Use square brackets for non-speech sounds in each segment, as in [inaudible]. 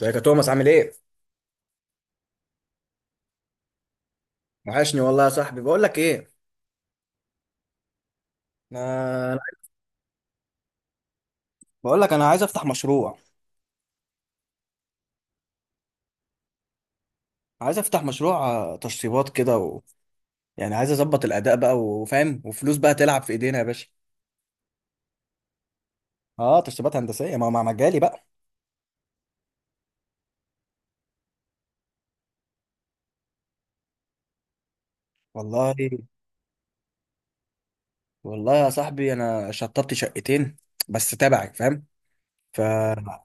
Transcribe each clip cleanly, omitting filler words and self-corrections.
ازيك يا توماس عامل ايه؟ وحشني والله يا صاحبي. بقول لك ايه؟ انا. بقول لك انا عايز افتح مشروع، تشطيبات كده يعني عايز اظبط الاداء بقى، وفاهم، وفلوس بقى تلعب في ايدينا يا باشا. اه، تشطيبات هندسيه ما مع مجالي بقى. والله. والله يا صاحبي، انا شطبت شقتين بس تبعي، فاهم؟ ف...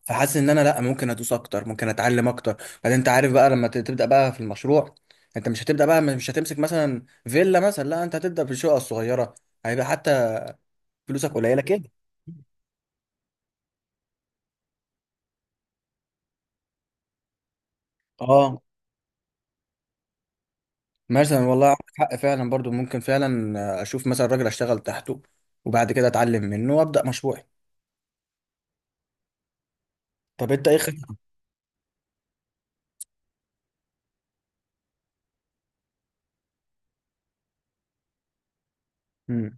فحاسس ان انا لا، ممكن ادوس اكتر، ممكن اتعلم اكتر. بعدين انت عارف بقى، لما تبدا بقى في المشروع، انت مش هتبدا بقى، مش هتمسك مثلا فيلا مثلا، لا انت هتبدا بالشقه الصغيره. هيبقى حتى فلوسك قليله كده. اه، مثلا والله عندك حق فعلا، برضو ممكن فعلا اشوف مثلا راجل اشتغل تحته، وبعد كده اتعلم منه وابدا مشروعي. طب انت ايه خطتك؟ مم.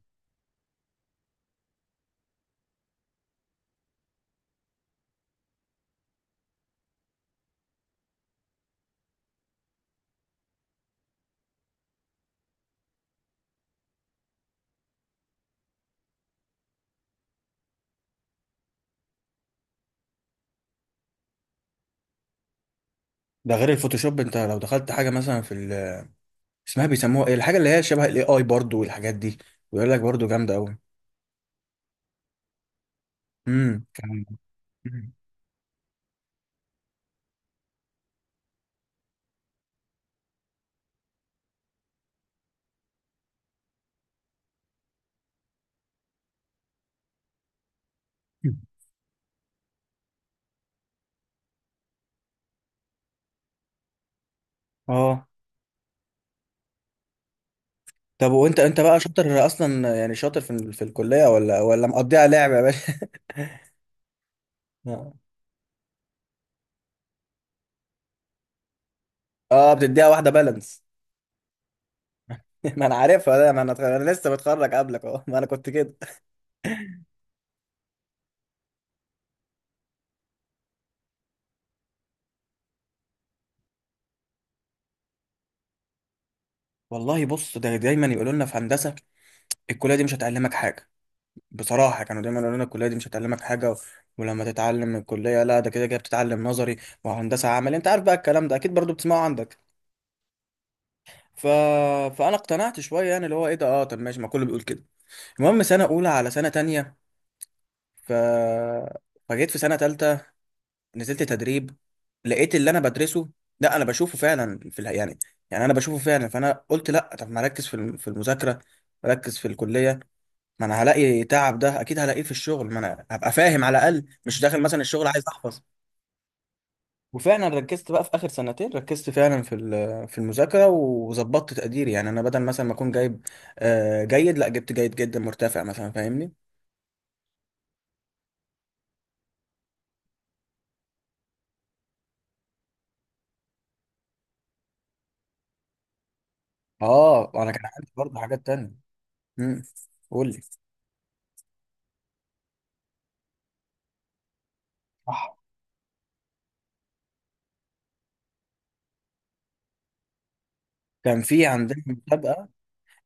ده غير الفوتوشوب، انت لو دخلت حاجه مثلا اسمها، بيسموها ايه الحاجه اللي هي شبه الاي اي برضو، والحاجات دي، ويقول لك برضو جامده قوي. امم. اه، طب وانت بقى شاطر اصلا؟ يعني شاطر في الكليه، ولا مقضيها لعب يا باشا؟ [laughs] اه، بتديها واحده بالانس. [laughs] ما انا عارفها ده، ما انا لسه متخرج قبلك اهو، ما انا كنت كده. والله بص، ده دايما يقولوا لنا في هندسه، الكليه دي مش هتعلمك حاجه. بصراحه كانوا دايما يقولوا لنا الكليه دي مش هتعلمك حاجه، ولما تتعلم من الكليه، لا ده كده كده بتتعلم نظري، وهندسه عملي. انت عارف بقى الكلام ده اكيد، برضو بتسمعه عندك. ف... فانا اقتنعت شويه، يعني اللي هو ايه ده، اه طب ماشي، ما كله بيقول كده. المهم سنه اولى على سنه تانية، ف فجيت في سنه تالتة، نزلت تدريب، لقيت اللي انا بدرسه، لا انا بشوفه فعلا يعني، يعني انا بشوفه فعلا. فانا قلت لا، طب ما اركز في المذاكره، ركز في الكليه. ما انا هلاقي تعب، ده اكيد هلاقيه في الشغل، ما انا هبقى فاهم على الاقل، مش داخل مثلا الشغل عايز احفظ. وفعلا ركزت بقى في اخر سنتين، ركزت فعلا في المذاكره، وظبطت تقديري. يعني انا بدل مثلا ما اكون جايب جيد، لا جبت جيد جدا مرتفع مثلا، فاهمني. اه، انا كان عندي برضه حاجات تانية. امم قول لي. صح. كان في عندنا مسابقه.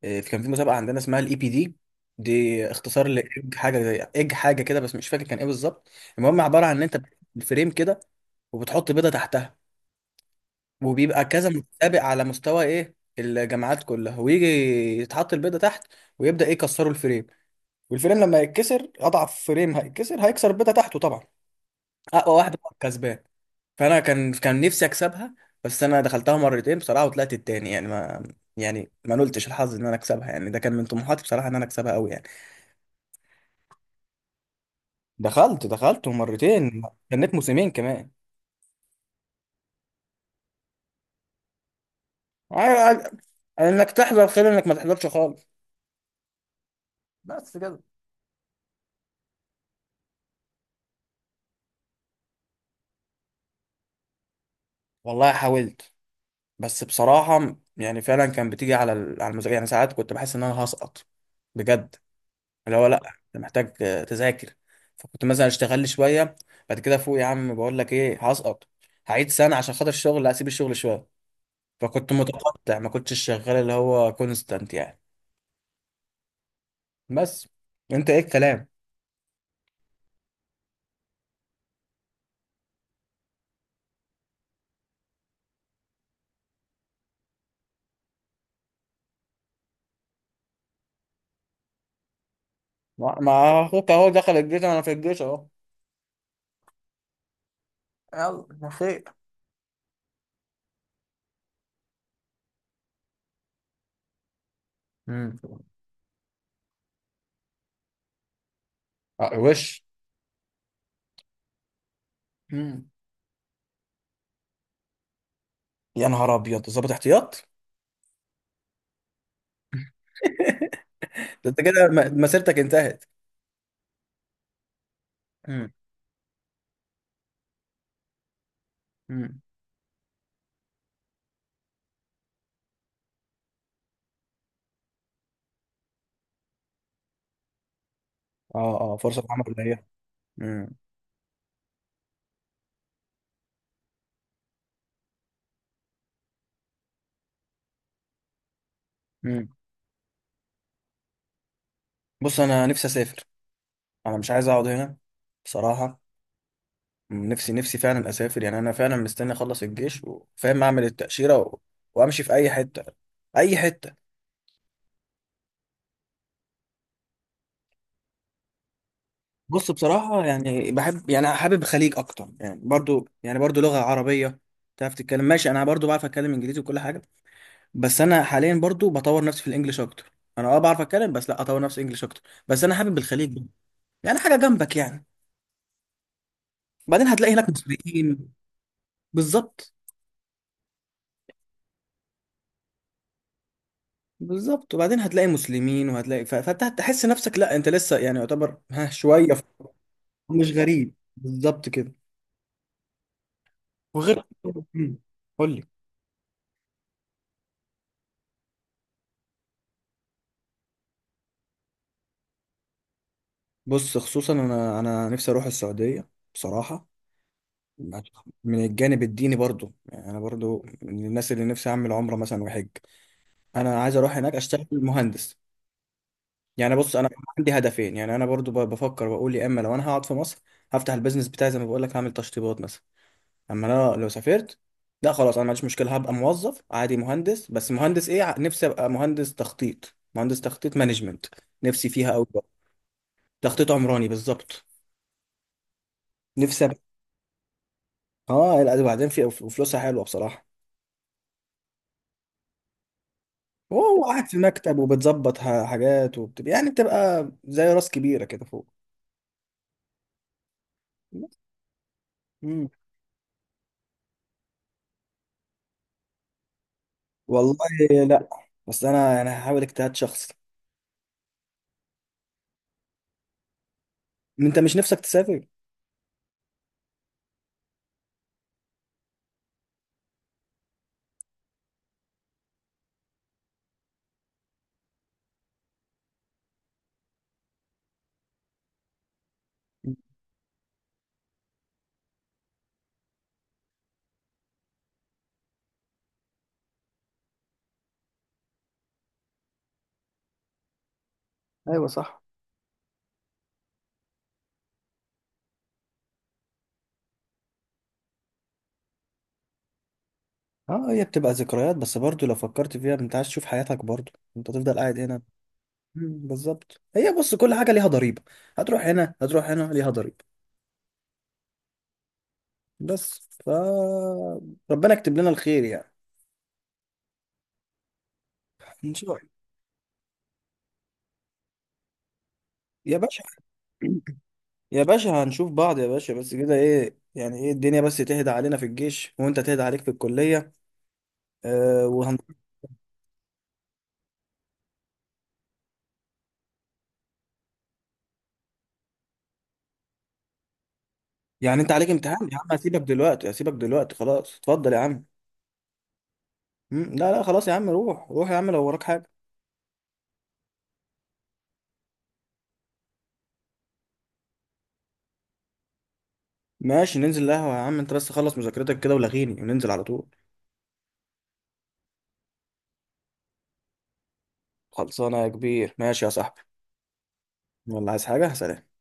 كان في مسابقه عندنا اسمها الاي بي دي. دي اختصار لاج حاجه زي اج حاجه كده، بس مش فاكر كان ايه بالظبط. المهم عباره عن ان انت بتعمل فريم كده، وبتحط بيضه تحتها، وبيبقى كذا متسابق على مستوى ايه الجامعات كلها، ويجي يتحط البيضه تحت، ويبدا ايه يكسروا الفريم. والفريم لما يتكسر، اضعف فريم هيتكسر هيكسر البيضه تحته طبعا. اقوى واحد هو الكسبان. فانا كان نفسي اكسبها، بس انا دخلتها مرتين بصراحه وطلعت التاني. يعني ما نلتش الحظ ان انا اكسبها، يعني ده كان من طموحاتي بصراحه، ان انا اكسبها قوي يعني. دخلت مرتين، جنيت موسمين كمان. ع- ع- انك تحضر خير، انك ما تحضرش خالص. بس كده. والله حاولت، بس بصراحة يعني فعلا كان بتيجي على المذاكرة. يعني ساعات كنت بحس إن أنا هسقط بجد، اللي هو لأ، أنت محتاج تذاكر. فكنت مثلا أشتغل لي شوية، بعد كده فوق يا عم، بقول لك إيه هسقط، هعيد سنة عشان خاطر الشغل. لا أسيب الشغل شوية. فكنت متقطع، ما كنتش شغال اللي هو كونستانت يعني. بس. أنت إيه الكلام؟ ما أخوك أهو دخل الجيش، أنا في الجيش أهو. يلا ما خير. مم. آه، وش. مم. يا نهار أبيض، ظابط احتياط! [laughs] ده أنت كده مسيرتك انتهت. امم. امم. اه، اه، فرصة العمل قليلة. امم. امم. بص انا نفسي اسافر، انا مش عايز اقعد هنا بصراحه. نفسي نفسي فعلا اسافر، يعني انا فعلا مستني اخلص الجيش وفاهم اعمل التاشيره وامشي في اي حته، اي حته. بص بصراحه، يعني بحب، يعني حابب الخليج اكتر يعني برضو لغه عربيه تعرف تتكلم، ماشي. انا برضو بعرف اتكلم انجليزي وكل حاجه، بس انا حاليا برضو بطور نفسي في الانجليش اكتر. انا اه بعرف اتكلم، بس لا اطور نفسي انجليش اكتر. بس انا حابب الخليج، يعني حاجه جنبك يعني. بعدين هتلاقي هناك مسيحيين. بالظبط. بالظبط، وبعدين هتلاقي مسلمين وهتلاقي، فانت هتحس نفسك لا انت لسه يعني يعتبر ها شويه مش غريب بالظبط كده. وغير. مم. قول لي. بص خصوصا انا نفسي اروح السعوديه بصراحه، من الجانب الديني برضو. يعني انا برضو من الناس اللي نفسي اعمل عمره مثلا وحج. انا عايز اروح هناك اشتغل مهندس. يعني بص انا عندي هدفين. يعني انا برضو بفكر واقول، يا اما لو انا هقعد في مصر هفتح البيزنس بتاعي زي ما بقول لك، هعمل تشطيبات مثلا. اما انا لو سافرت، لا خلاص انا ما عنديش مشكله، هبقى موظف عادي مهندس. بس مهندس ايه؟ نفسي ابقى مهندس تخطيط، مهندس تخطيط مانجمنت، نفسي فيها قوي. تخطيط عمراني بالظبط. نفسي ابقى. اه لا، ده بعدين، في وفلوسها حلوه بصراحه. وهو قاعد في مكتب، وبتظبط حاجات، وبتبقى يعني بتبقى زي راس كبيره كده فوق. مم. والله. لا، بس انا هحاول اجتهاد شخصي. انت مش نفسك تسافر؟ ايوه صح. اه، هي بتبقى ذكريات، بس برضو لو فكرت فيها، انت عايز تشوف حياتك برضو، انت تفضل قاعد هنا. بالظبط. هي بص، كل حاجة ليها ضريبة، هتروح هنا هتروح هنا ليها ضريبة. بس ربنا يكتب لنا الخير يعني. ان شاء الله. يا باشا، يا باشا هنشوف بعض يا باشا، بس كده ايه يعني، ايه الدنيا بس تهدى علينا في الجيش وانت تهدى عليك في الكلية. آه وهن... يعني انت عليك امتحان يا عم، هسيبك دلوقتي، هسيبك دلوقتي خلاص. اتفضل يا عم. لا لا خلاص يا عم، روح روح يا عم لو وراك حاجة. ماشي ننزل القهوة يا عم، انت بس خلص مذاكرتك كده ولغيني وننزل على طول. خلصانة يا كبير، ماشي يا صاحبي. والله عايز حاجة، سلام.